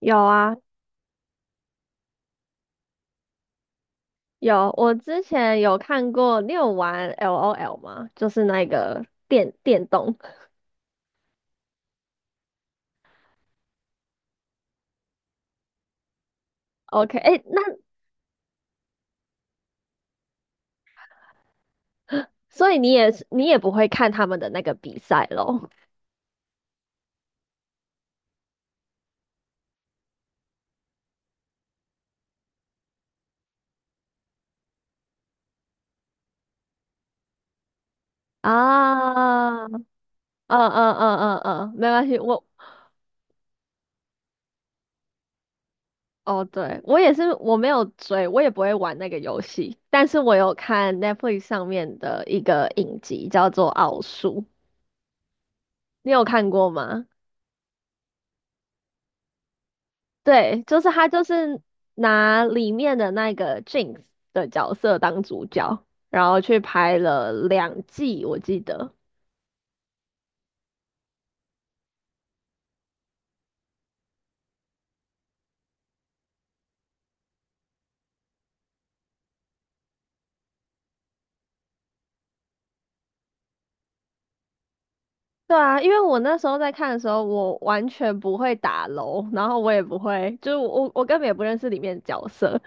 有啊，有，我之前有看过，你有玩 LOL 吗？就是那个电动。OK，哎，那所以你也是不会看他们的那个比赛咯？啊，嗯嗯嗯嗯嗯，没关系，我哦，对，我也是，我没有追，我也不会玩那个游戏，但是我有看 Netflix 上面的一个影集，叫做《奥数》，你有看过吗？对，就是拿里面的那个 Jinx 的角色当主角，然后去拍了两季，我记得。对啊，因为我那时候在看的时候，我完全不会打楼，然后我也不会，就是我根本也不认识里面的角色，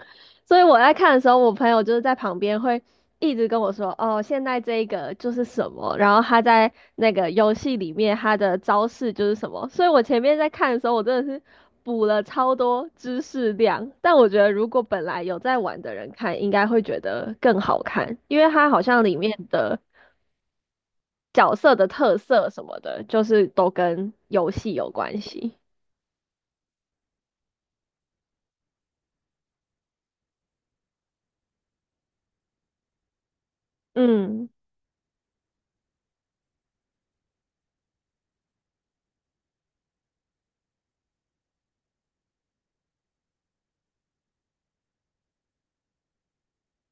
所以我在看的时候，我朋友就是在旁边会一直跟我说，哦，现在这一个就是什么，然后他在那个游戏里面他的招式就是什么，所以我前面在看的时候，我真的是补了超多知识量，但我觉得如果本来有在玩的人看，应该会觉得更好看，因为它好像里面的角色的特色什么的，就是都跟游戏有关系。嗯，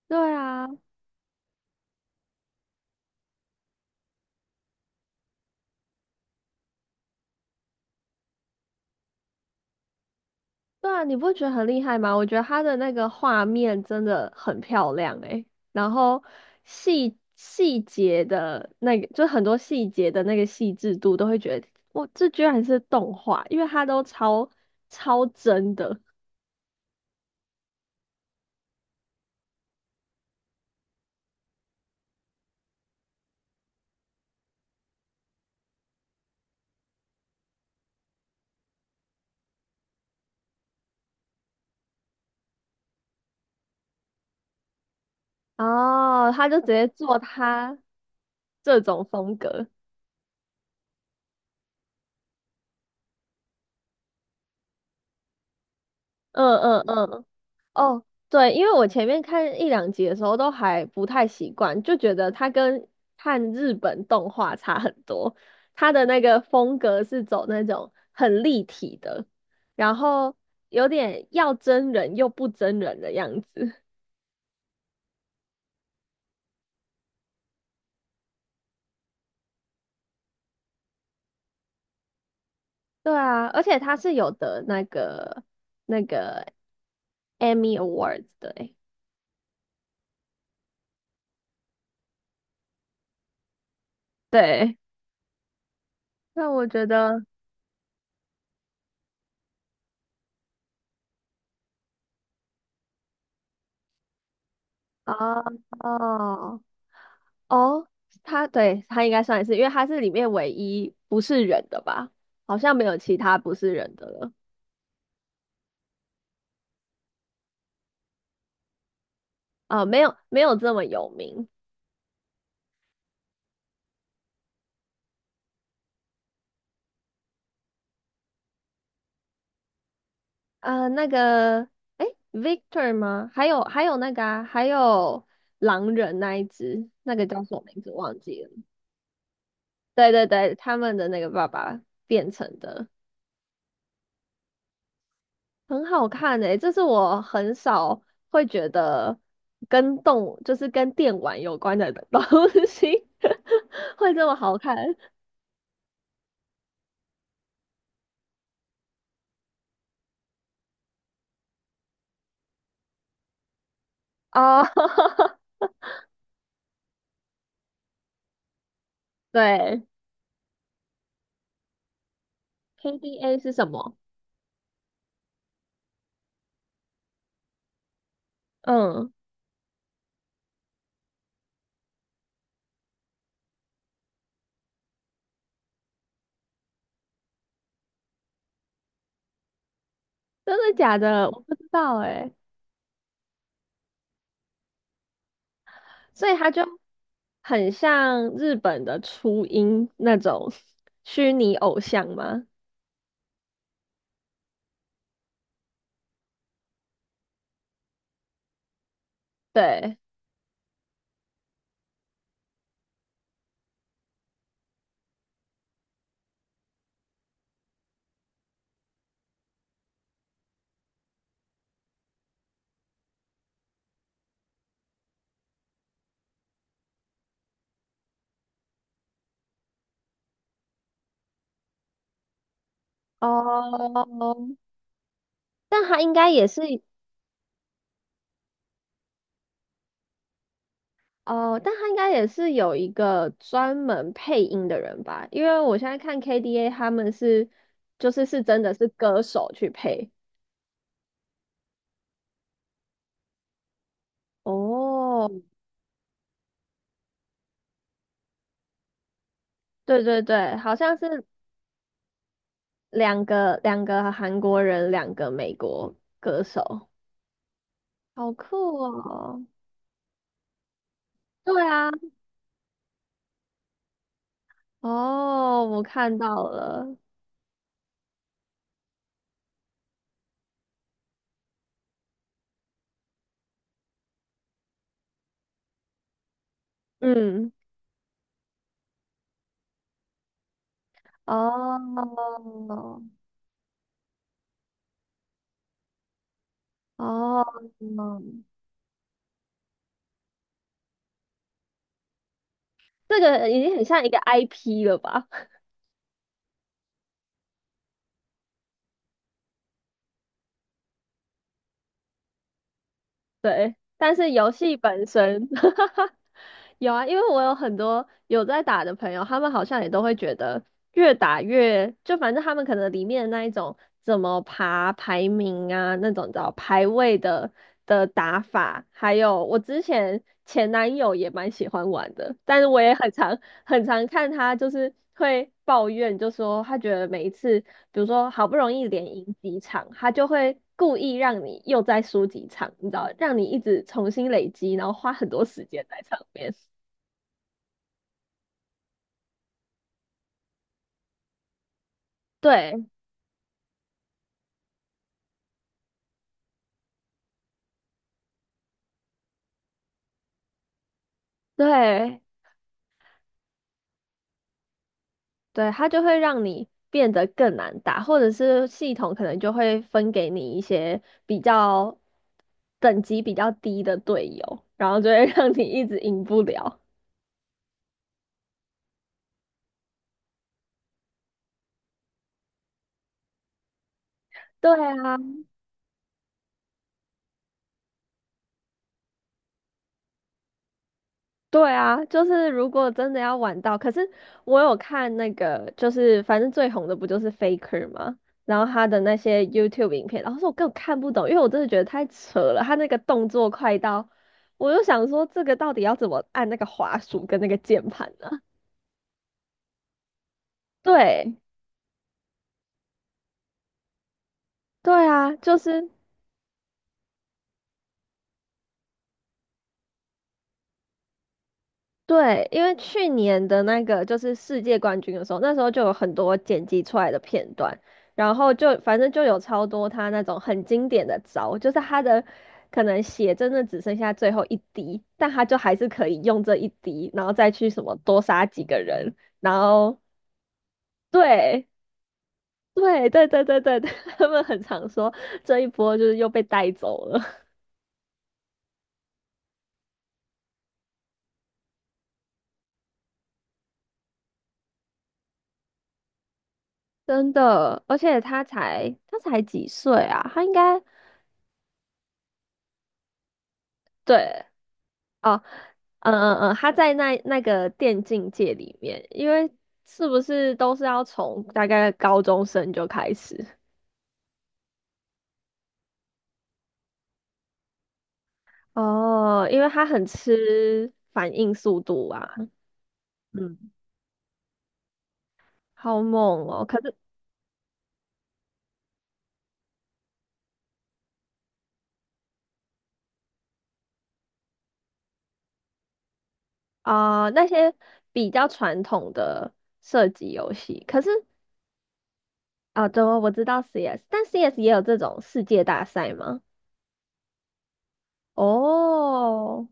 对啊，对啊，你不觉得很厉害吗？我觉得他的那个画面真的很漂亮诶，然后细节的那个，就很多细节的那个细致度，都会觉得哇，这居然是动画，因为它都超真的。哦，他就直接做他这种风格，嗯嗯嗯。哦，对，因为我前面看一两集的时候都还不太习惯，就觉得它跟看日本动画差很多。它的那个风格是走那种很立体的，然后有点要真人又不真人的样子。对啊，而且它是有的那个那个 Emmy Awards 的诶。对，那我觉得哦哦。哦，他对他应该算是，因为他是里面唯一不是人的吧？好像没有其他不是人的了。啊、没有没有这么有名。那个，哎，Victor 吗？还有那个啊，还有狼人那一只，那个叫什么名字忘记了？对对对，他们的那个爸爸变成的，很好看诶、这是我很少会觉得就是跟电玩有关的东西 会这么好看。哦，对，KDA 是什么？嗯，真的假的？我不知道哎，所以他就很像日本的初音那种虚拟偶像吗？对，哦，但他应该也是哦，但他应该也是有一个专门配音的人吧？因为我现在看 KDA 他们是就是真的是歌手去配。哦，对对对，好像是两个韩国人，两个美国歌手，好酷哦！对啊，哦，我看到了，嗯，哦哦，这个已经很像一个 IP 了吧？对，但是游戏本身，有啊，因为我有很多有在打的朋友，他们好像也都会觉得越打越，就反正他们可能里面的那一种怎么爬排名啊，那种叫排位的打法，还有我之前前男友也蛮喜欢玩的，但是我也很常看他就是会抱怨，就说他觉得每一次，比如说好不容易连赢几场，他就会故意让你又再输几场，你知道，让你一直重新累积，然后花很多时间在上面。对对对，他就会让你变得更难打，或者是系统可能就会分给你一些比较等级比较低的队友，然后就会 让你一直赢不了。对啊，对啊，就是如果真的要玩到，可是我有看那个，就是反正最红的不就是 Faker 吗？然后他的那些 YouTube 影片，然后说我根本看不懂，因为我真的觉得太扯了，他那个动作快到，我就想说这个到底要怎么按那个滑鼠跟那个键盘呢、对，对啊，就是。对，因为去年的那个就是世界冠军的时候，那时候就有很多剪辑出来的片段，然后就反正就有超多他那种很经典的招，就是他的可能血真的只剩下最后一滴，但他就还是可以用这一滴，然后再去什么多杀几个人，然后对对对，他们很常说这一波就是又被带走了，真的，而且他才几岁啊，他应该对。嗯嗯嗯，他在那个电竞界里面，因为是不是都是要从大概高中生就开始？哦，因为他很吃反应速度啊，嗯，好猛哦。啊、那些比较传统的射击游戏，可是啊，对哦，我知道 CS，但 CS 也有这种世界大赛吗？哦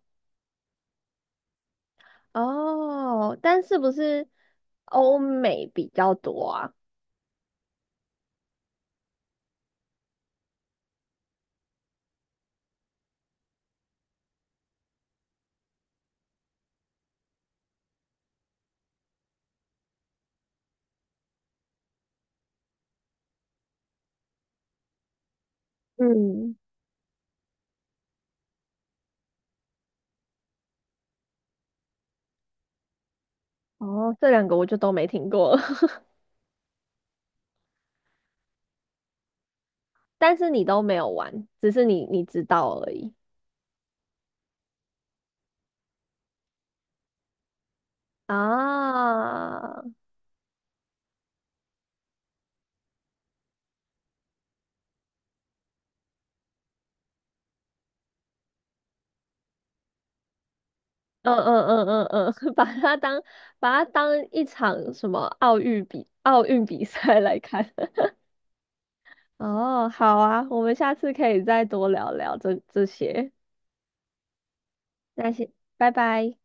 哦，但是不是欧美比较多啊？嗯。哦，这两个我就都没听过了 但是你都没有玩，只是你知道而已啊。嗯嗯嗯嗯嗯，把它当一场什么奥运比赛来看。哦，好啊，我们下次可以再多聊聊这些，那先拜拜。